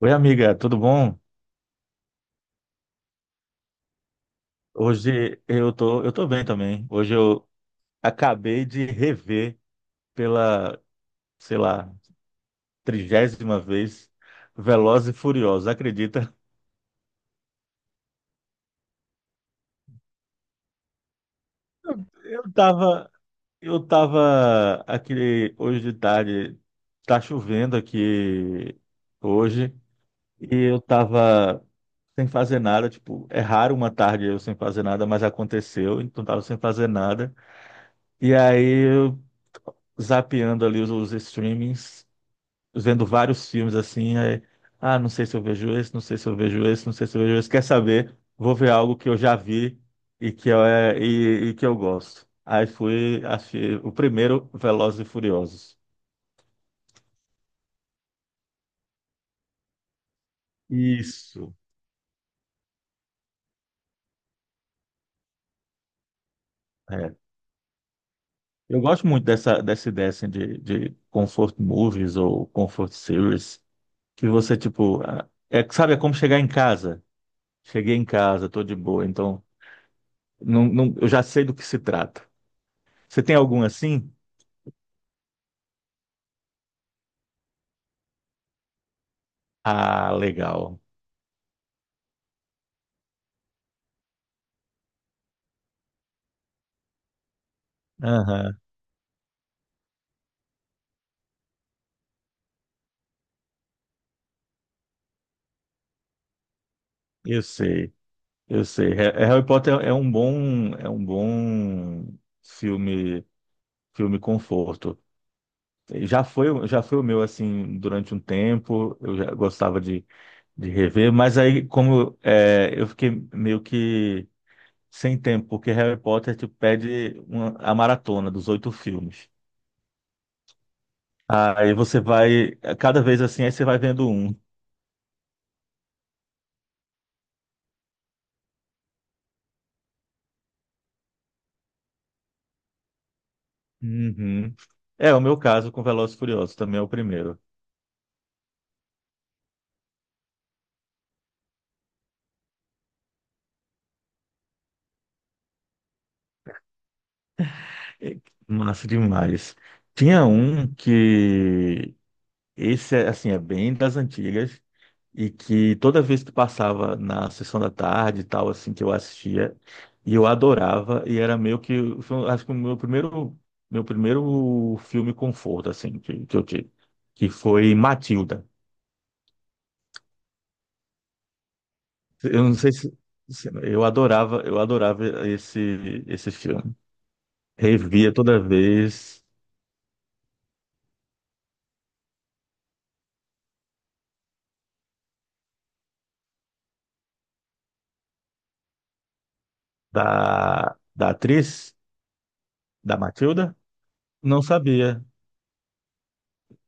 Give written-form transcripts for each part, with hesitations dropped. Oi, amiga, tudo bom? Hoje eu tô bem também. Hoje eu acabei de rever pela, sei lá, trigésima vez Velozes e Furiosos, acredita? Eu tava, eu tava aqui hoje de tarde, tá chovendo aqui hoje, e eu tava sem fazer nada, tipo, é raro uma tarde eu sem fazer nada, mas aconteceu, então tava sem fazer nada. E aí eu zapeando ali os streamings, vendo vários filmes assim, aí, ah, não sei se eu vejo esse, não sei se eu vejo esse, não sei se eu vejo esse, quer saber, vou ver algo que eu já vi e que eu, e que eu gosto. Aí fui, achei o primeiro Velozes e Furiosos. Isso. É. Eu gosto muito dessa ideia assim, de comfort movies ou comfort series, que você, tipo, ah, é, sabe, é como chegar em casa. Cheguei em casa, tô de boa, então não, não, eu já sei do que se trata. Você tem algum assim? Ah, legal. Aham, eu sei, eu sei. É, Harry Potter é um bom filme, filme conforto. Já foi o meu assim durante um tempo. Eu já gostava de rever, mas aí como é, eu fiquei meio que sem tempo, porque Harry Potter te pede a maratona dos oito filmes. Aí você vai, cada vez assim, aí você vai vendo um. Uhum. É, o meu caso com Velozes e Furiosos também é o primeiro. É, massa demais. Tinha um que esse é assim é bem das antigas e que toda vez que passava na sessão da tarde e tal assim que eu assistia e eu adorava e era meio que foi, acho que o meu primeiro filme conforto assim que eu tive que foi Matilda. Eu não sei se eu adorava, esse filme. Revia toda vez da, da atriz, da Matilda? Não sabia.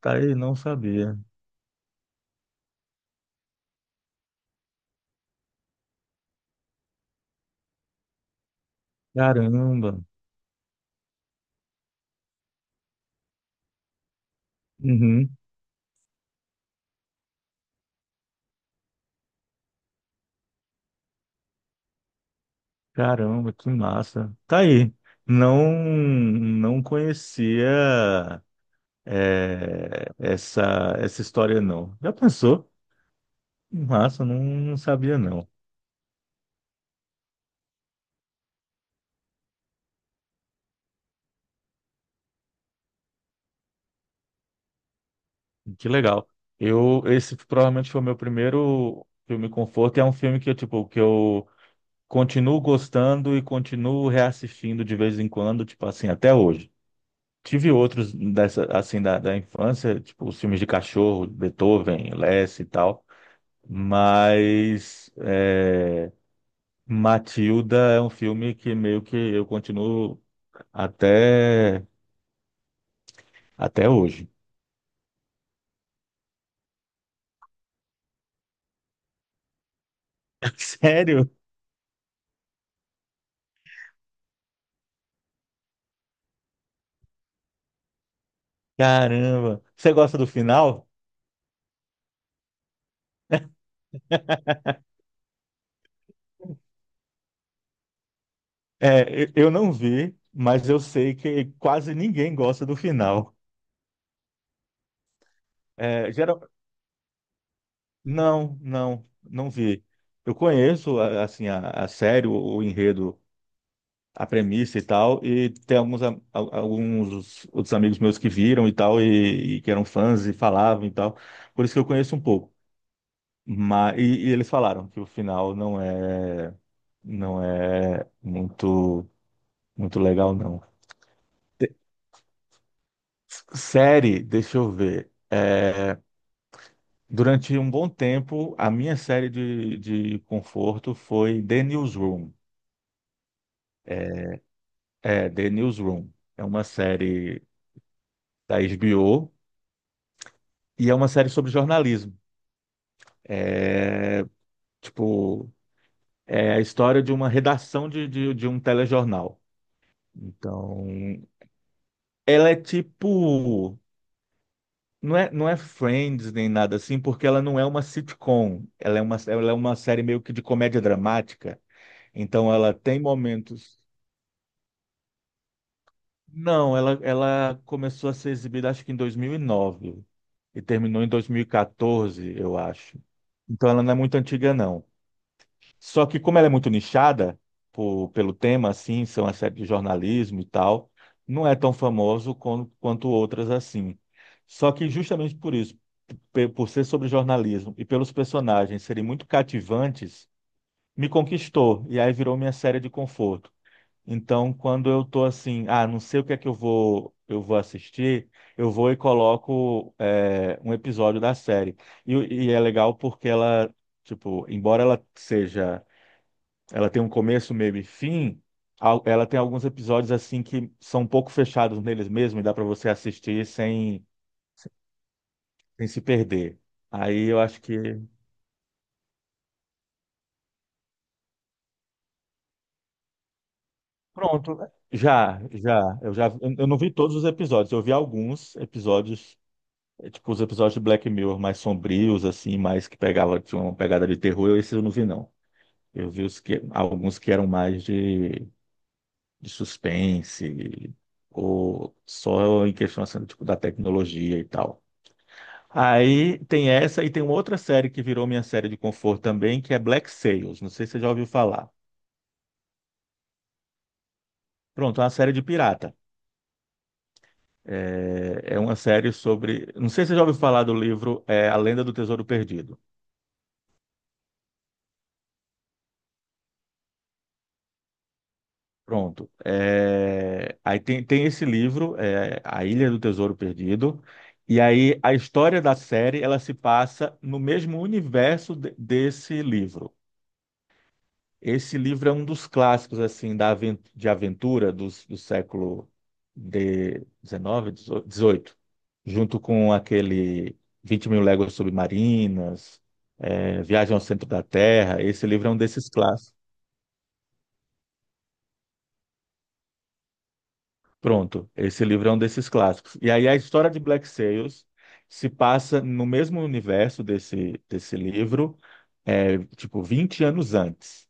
Tá aí, não sabia. Caramba. Uhum. Caramba, que massa. Tá aí. Não, não conhecia é, essa história, não. Já pensou? Massa, não, não sabia, não. Que legal. Eu, esse provavelmente foi o meu primeiro filme conforto. E É um filme que, tipo, que eu continuo gostando e continuo reassistindo de vez em quando, tipo assim, até hoje. Tive outros dessa, assim, da, da infância, tipo os filmes de cachorro, Beethoven, Less e tal, mas é, Matilda é um filme que meio que eu continuo até, até hoje. Sério? Caramba! Você gosta do final? É, eu não vi, mas eu sei que quase ninguém gosta do final. É, geral- Não, não, não vi. Eu conheço assim a série, o enredo, a premissa e tal, e tem alguns alguns outros amigos meus que viram e tal e que eram fãs e falavam e tal. Por isso que eu conheço um pouco. Mas e eles falaram que o final não é, não é muito muito legal não. De- Série, deixa eu ver. É, durante um bom tempo, a minha série de conforto foi The Newsroom. É, The Newsroom. É uma série da HBO e é uma série sobre jornalismo. É, tipo, é a história de uma redação de um telejornal. Então, ela é tipo. Não é Friends nem nada assim, porque ela não é uma sitcom. Ela é uma série meio que de comédia dramática. Então, ela tem momentos. Não, ela começou a ser exibida acho que em 2009 e terminou em 2014, eu acho. Então ela não é muito antiga, não. Só que como ela é muito nichada pelo tema, assim, são as séries de jornalismo e tal, não é tão famoso quanto outras assim. Só que justamente por isso, por ser sobre jornalismo e pelos personagens serem muito cativantes, me conquistou e aí virou minha série de conforto. Então, quando eu tô assim, ah, não sei o que é que eu vou assistir, eu vou e coloco é, um episódio da série. E, e é legal porque ela, tipo, embora ela seja, ela tem um começo, meio e fim, ela tem alguns episódios assim que são um pouco fechados neles mesmos e dá para você assistir sem, sem se perder. Aí eu acho que pronto, já, já, eu eu não vi todos os episódios, eu vi alguns episódios. É, tipo, os episódios de Black Mirror mais sombrios, assim, mais que pegava, tinha uma pegada de terror, esses eu não vi, não. Eu vi os que, alguns que eram mais de suspense, ou só em questão, assim, tipo, da tecnologia e tal. Aí tem essa e tem uma outra série que virou minha série de conforto também, que é Black Sails. Não sei se você já ouviu falar. Pronto, é uma série de pirata. É, é uma série sobre. Não sei se você já ouviu falar do livro é, A Lenda do Tesouro Perdido. Pronto. É, aí tem, tem esse livro, é, A Ilha do Tesouro Perdido, e aí a história da série ela se passa no mesmo universo desse livro. Esse livro é um dos clássicos assim da de aventura do século de 19, 18, junto com aquele 20 mil léguas submarinas, é, Viagem ao Centro da Terra. Esse livro é um desses clássicos. Pronto, esse livro é um desses clássicos. E aí a história de Black Sails se passa no mesmo universo desse, desse livro, é, tipo 20 anos antes.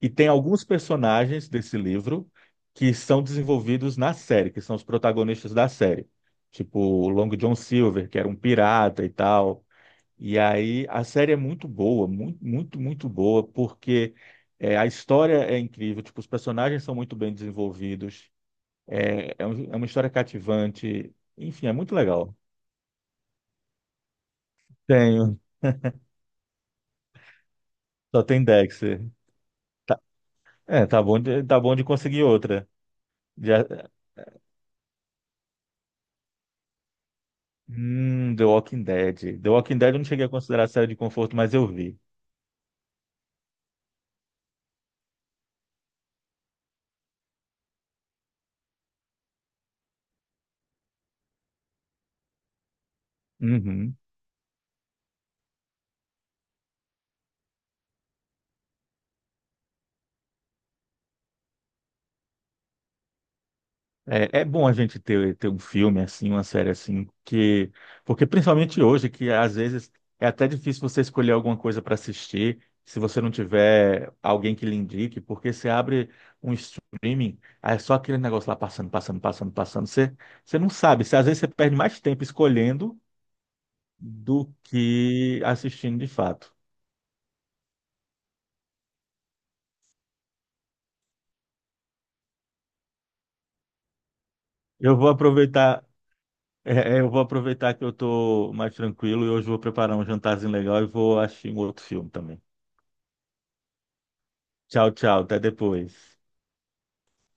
E tem alguns personagens desse livro que são desenvolvidos na série, que são os protagonistas da série. Tipo o Long John Silver, que era um pirata e tal. E aí a série é muito boa, muito, muito, muito boa, porque é, a história é incrível, tipo, os personagens são muito bem desenvolvidos. Um- é uma história cativante. Enfim, é muito legal. Tenho, só tem Dexter. Tá, é, tá bom de conseguir outra. Já, The Walking Dead. The Walking Dead eu não cheguei a considerar série de conforto, mas eu vi. Uhum. É, é bom a gente ter, ter um filme assim, uma série assim, que, porque principalmente hoje, que às vezes é até difícil você escolher alguma coisa para assistir, se você não tiver alguém que lhe indique, porque você abre um streaming, aí é só aquele negócio lá passando, passando, passando, passando, você, você não sabe, você, às vezes você perde mais tempo escolhendo do que assistindo de fato. Eu vou aproveitar, é, é, eu vou aproveitar que eu tô mais tranquilo e hoje vou preparar um jantarzinho legal e vou assistir um outro filme também. Tchau, tchau. Até depois.